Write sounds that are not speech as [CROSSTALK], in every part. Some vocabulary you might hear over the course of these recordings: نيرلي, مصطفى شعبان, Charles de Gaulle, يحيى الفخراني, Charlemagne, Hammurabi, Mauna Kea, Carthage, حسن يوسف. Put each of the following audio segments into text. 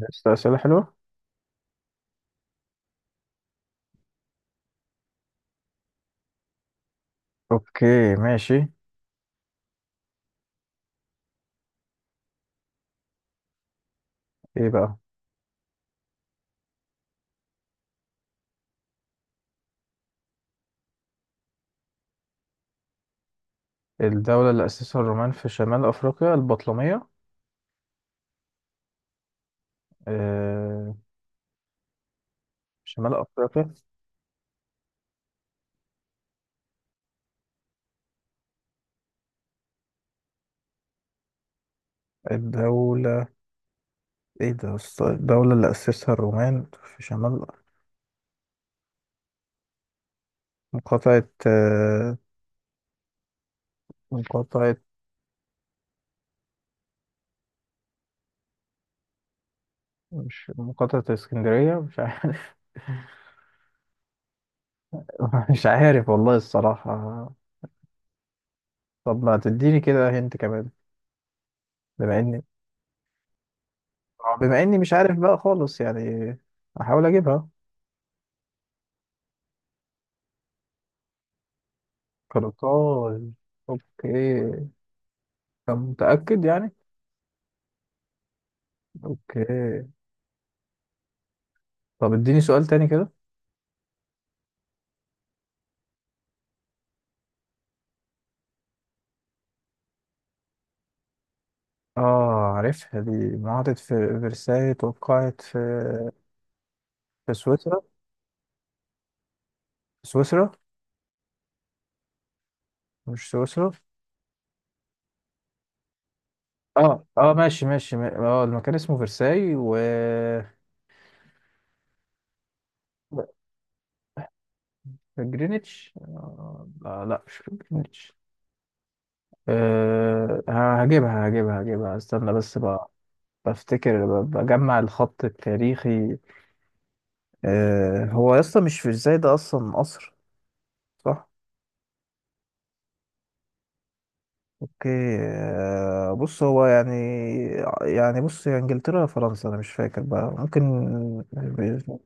بس أسئلة حلوة. أوكي ماشي. إيه بقى؟ الدولة اللي أسسها الرومان في شمال أفريقيا البطلمية. آه... شمال أفريقيا. الدولة، إيه ده يا أسطى؟ الدولة اللي أسسها الرومان في شمال. مقاطعة. مقاطعة. مش مقاطعة اسكندرية، مش عارف. [LAUGHS] مش عارف والله الصراحة. طب ما تديني كده هنت كمان. بما إني بما إني مش عارف بقى خالص، يعني أحاول أجيبها. قرطاج. اوكي. طب متأكد يعني؟ اوكي. طب اديني سؤال تاني كده. اه عارفها دي، معاهدة في فرساي توقعت في، في سويسرا. سويسرا. مش سويسرا. اه ماشي ماشي اه المكان اسمه فرساي و جرينتش. لا لا، مش في جرينتش. هجيبها استنى بس بقى. بفتكر، بجمع الخط التاريخي. آه هو اصلا مش فرساي ده، اصلا قصر. صح. اوكي. بص هو يعني، يعني بص، يا انجلترا يا فرنسا، انا مش فاكر بقى. ممكن. [LAUGHS]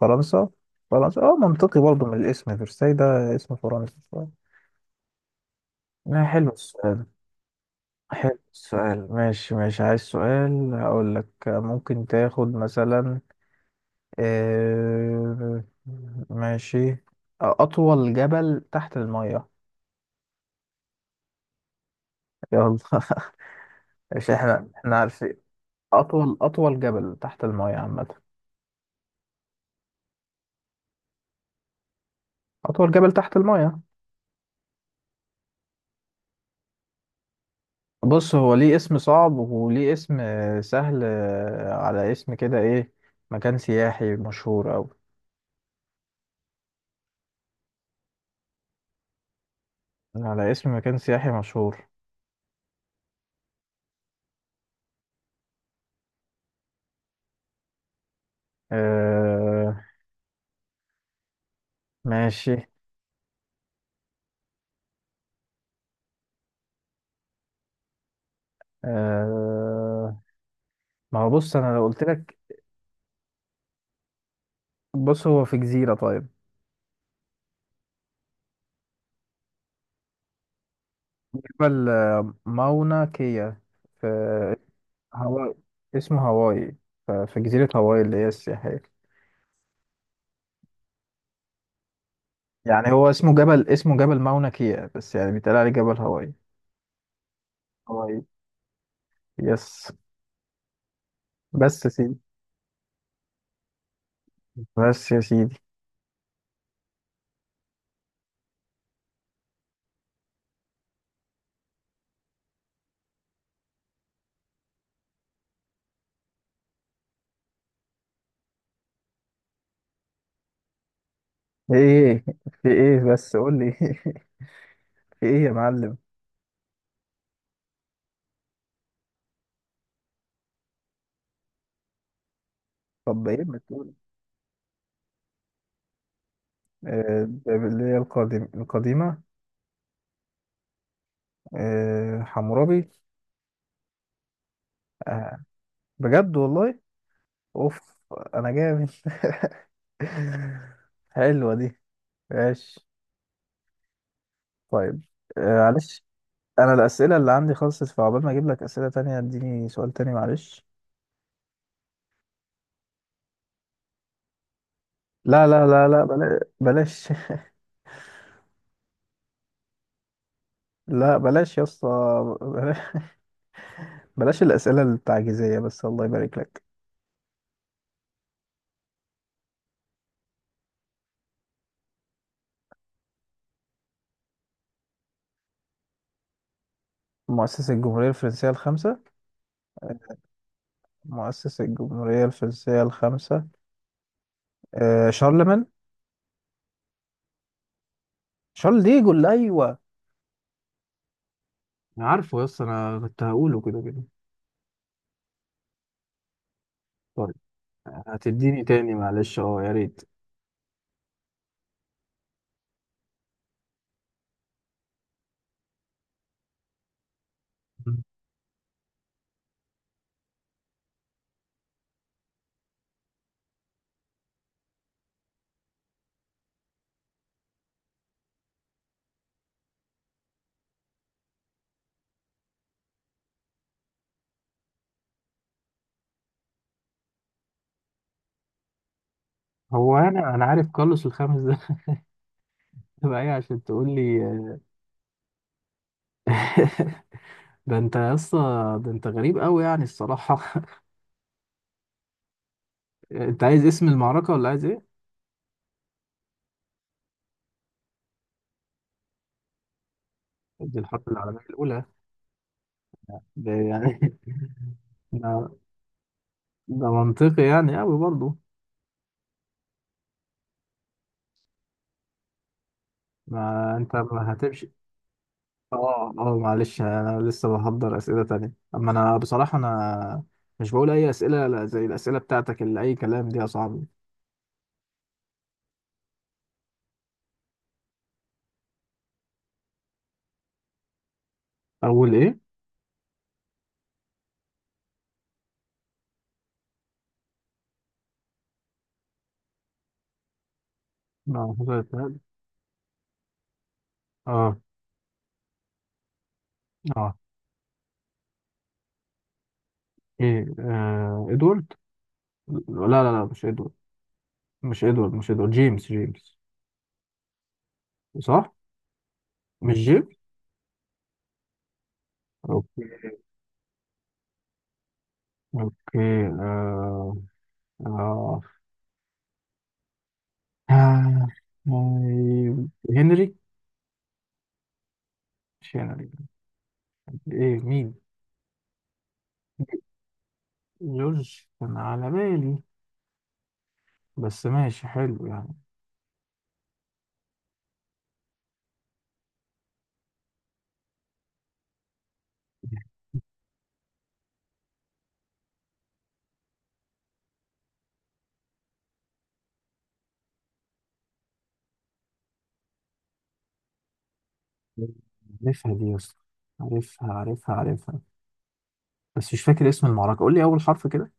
فرنسا. فرنسا. اه منطقي برضه، من الاسم فرساي ده اسم فرنسي. ما حلو السؤال. حلو السؤال ماشي ماشي. عايز سؤال هقول لك؟ ممكن تاخد مثلا، آه، ماشي، اطول جبل تحت المية. يلا. [LAUGHS] مش احنا، احنا عارفين. اطول جبل تحت المية عامة. أطول جبل تحت المايه. بص، هو ليه اسم صعب وليه اسم سهل، على اسم كده، إيه؟ مكان سياحي مشهور أوي، على اسم مكان سياحي مشهور. آه ماشي. آه، ما هو بص، أنا لو قلت لك. بص هو في جزيرة طيب. جبل، ماونا كيا، في هاواي. اسمه هاواي. في جزيرة هاواي اللي هي السياحية. يعني هو اسمه جبل، اسمه جبل ماونا كيا، بس يعني بيتقال عليه جبل هاواي. هاواي، يس. بس يا سيدي. بس يا سيدي. ايه؟ في ايه بس، قول لي. [LAUGHS] في ايه يا معلم؟ طب ايه ما تقول. اللي هي القديم، القديمة. حمورابي. آه، بجد والله. اوف، انا جامد. [LAUGHS] حلوة دي. ماشي. طيب. معلش، انا الاسئلة اللي عندي خلصت، فعقبال ما اجيب لك اسئلة تانية اديني سؤال تاني معلش. لا لا لا لا، بلاش. [LAUGHS] لا بلاش يا اسطى، بلاش، بلاش الاسئلة التعجيزية بس، الله يبارك لك. مؤسس الجمهورية الفرنسية الخامسة. مؤسس الجمهورية الفرنسية الخامسة. آه، شارلمان. شارل ديجو اللي، أيوه انا عارفه، يس انا كنت هقوله كده كده. طيب، هتديني تاني معلش؟ اه، يا ريت. هو انا عارف كارلوس الخامس ده [LAUGHS] تبقى ايه؟ عشان تقول لي [LAUGHS] ده انت يا اسطى، ده انت غريب قوي يعني الصراحه. [LAUGHS] انت عايز اسم المعركه ولا عايز ايه؟ دي الحرب العالميه الاولى. ده يعني [LAUGHS] ده، ده منطقي يعني قوي برضه. ما انت ما هتمشي. اه اه، معلش انا لسه بحضر اسئله تانية، اما انا بصراحه، انا مش بقول اي اسئله، لا زي الاسئله بتاعتك اللي اي كلام دي يا صاحبي. اول ايه؟ اه، هاد. اه اه. ايه، آه ادوارد. لا لا لا مش ادوارد، مش ادوارد، مش ادوارد. جيمس صح. مش جيمس. اوكي. اوكي. آه آه، آه، هنري. مش هنري. ايه، مين؟ جورج كان على بالي، بس ماشي حلو يعني. عارفها دي يا اسطى، عارفها، بس مش فاكر اسم المعركة. قول لي أول حرف كده.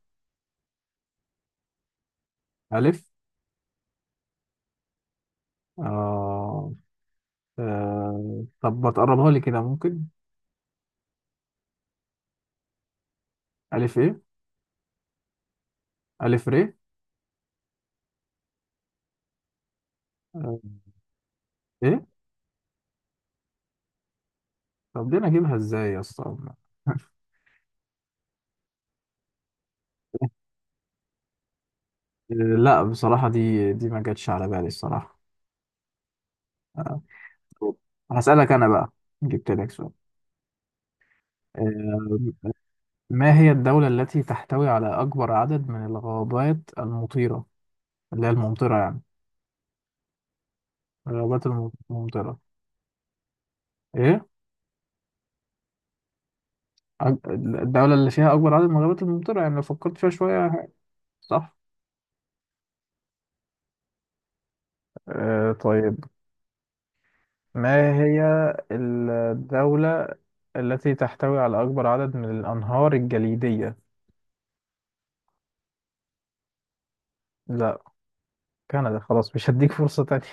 ألف. آه. آه. طب ما تقربها لي كده ممكن؟ ألف إيه؟ ألف ر. آه. إيه؟ طب دي أنا أجيبها إزاي يا اسطى؟ [LAUGHS] لا بصراحة، دي ما جاتش على بالي الصراحة. آه. هسألك أنا بقى، جبت لك سؤال. آه، ما هي الدولة التي تحتوي على أكبر عدد من الغابات المطيرة، اللي هي الممطرة يعني، الغابات الممطرة؟ إيه؟ الدولة اللي فيها أكبر عدد من الغابات الممطرة، يعني لو فكرت فيها شوية ه-. صح. آه طيب، ما هي الدولة التي تحتوي على أكبر عدد من الأنهار الجليدية؟ لا، كندا، خلاص مش هديك فرصة تانية.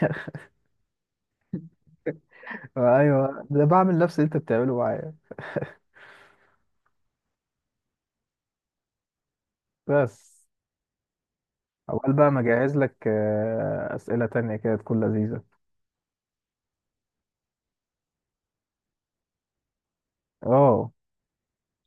[LAUGHS] أيوه، ده بعمل نفس اللي أنت بتعمله معايا. [LAUGHS] بس أول بقى ما أجهز لك أسئلة تانية كده تكون لذيذة. أه.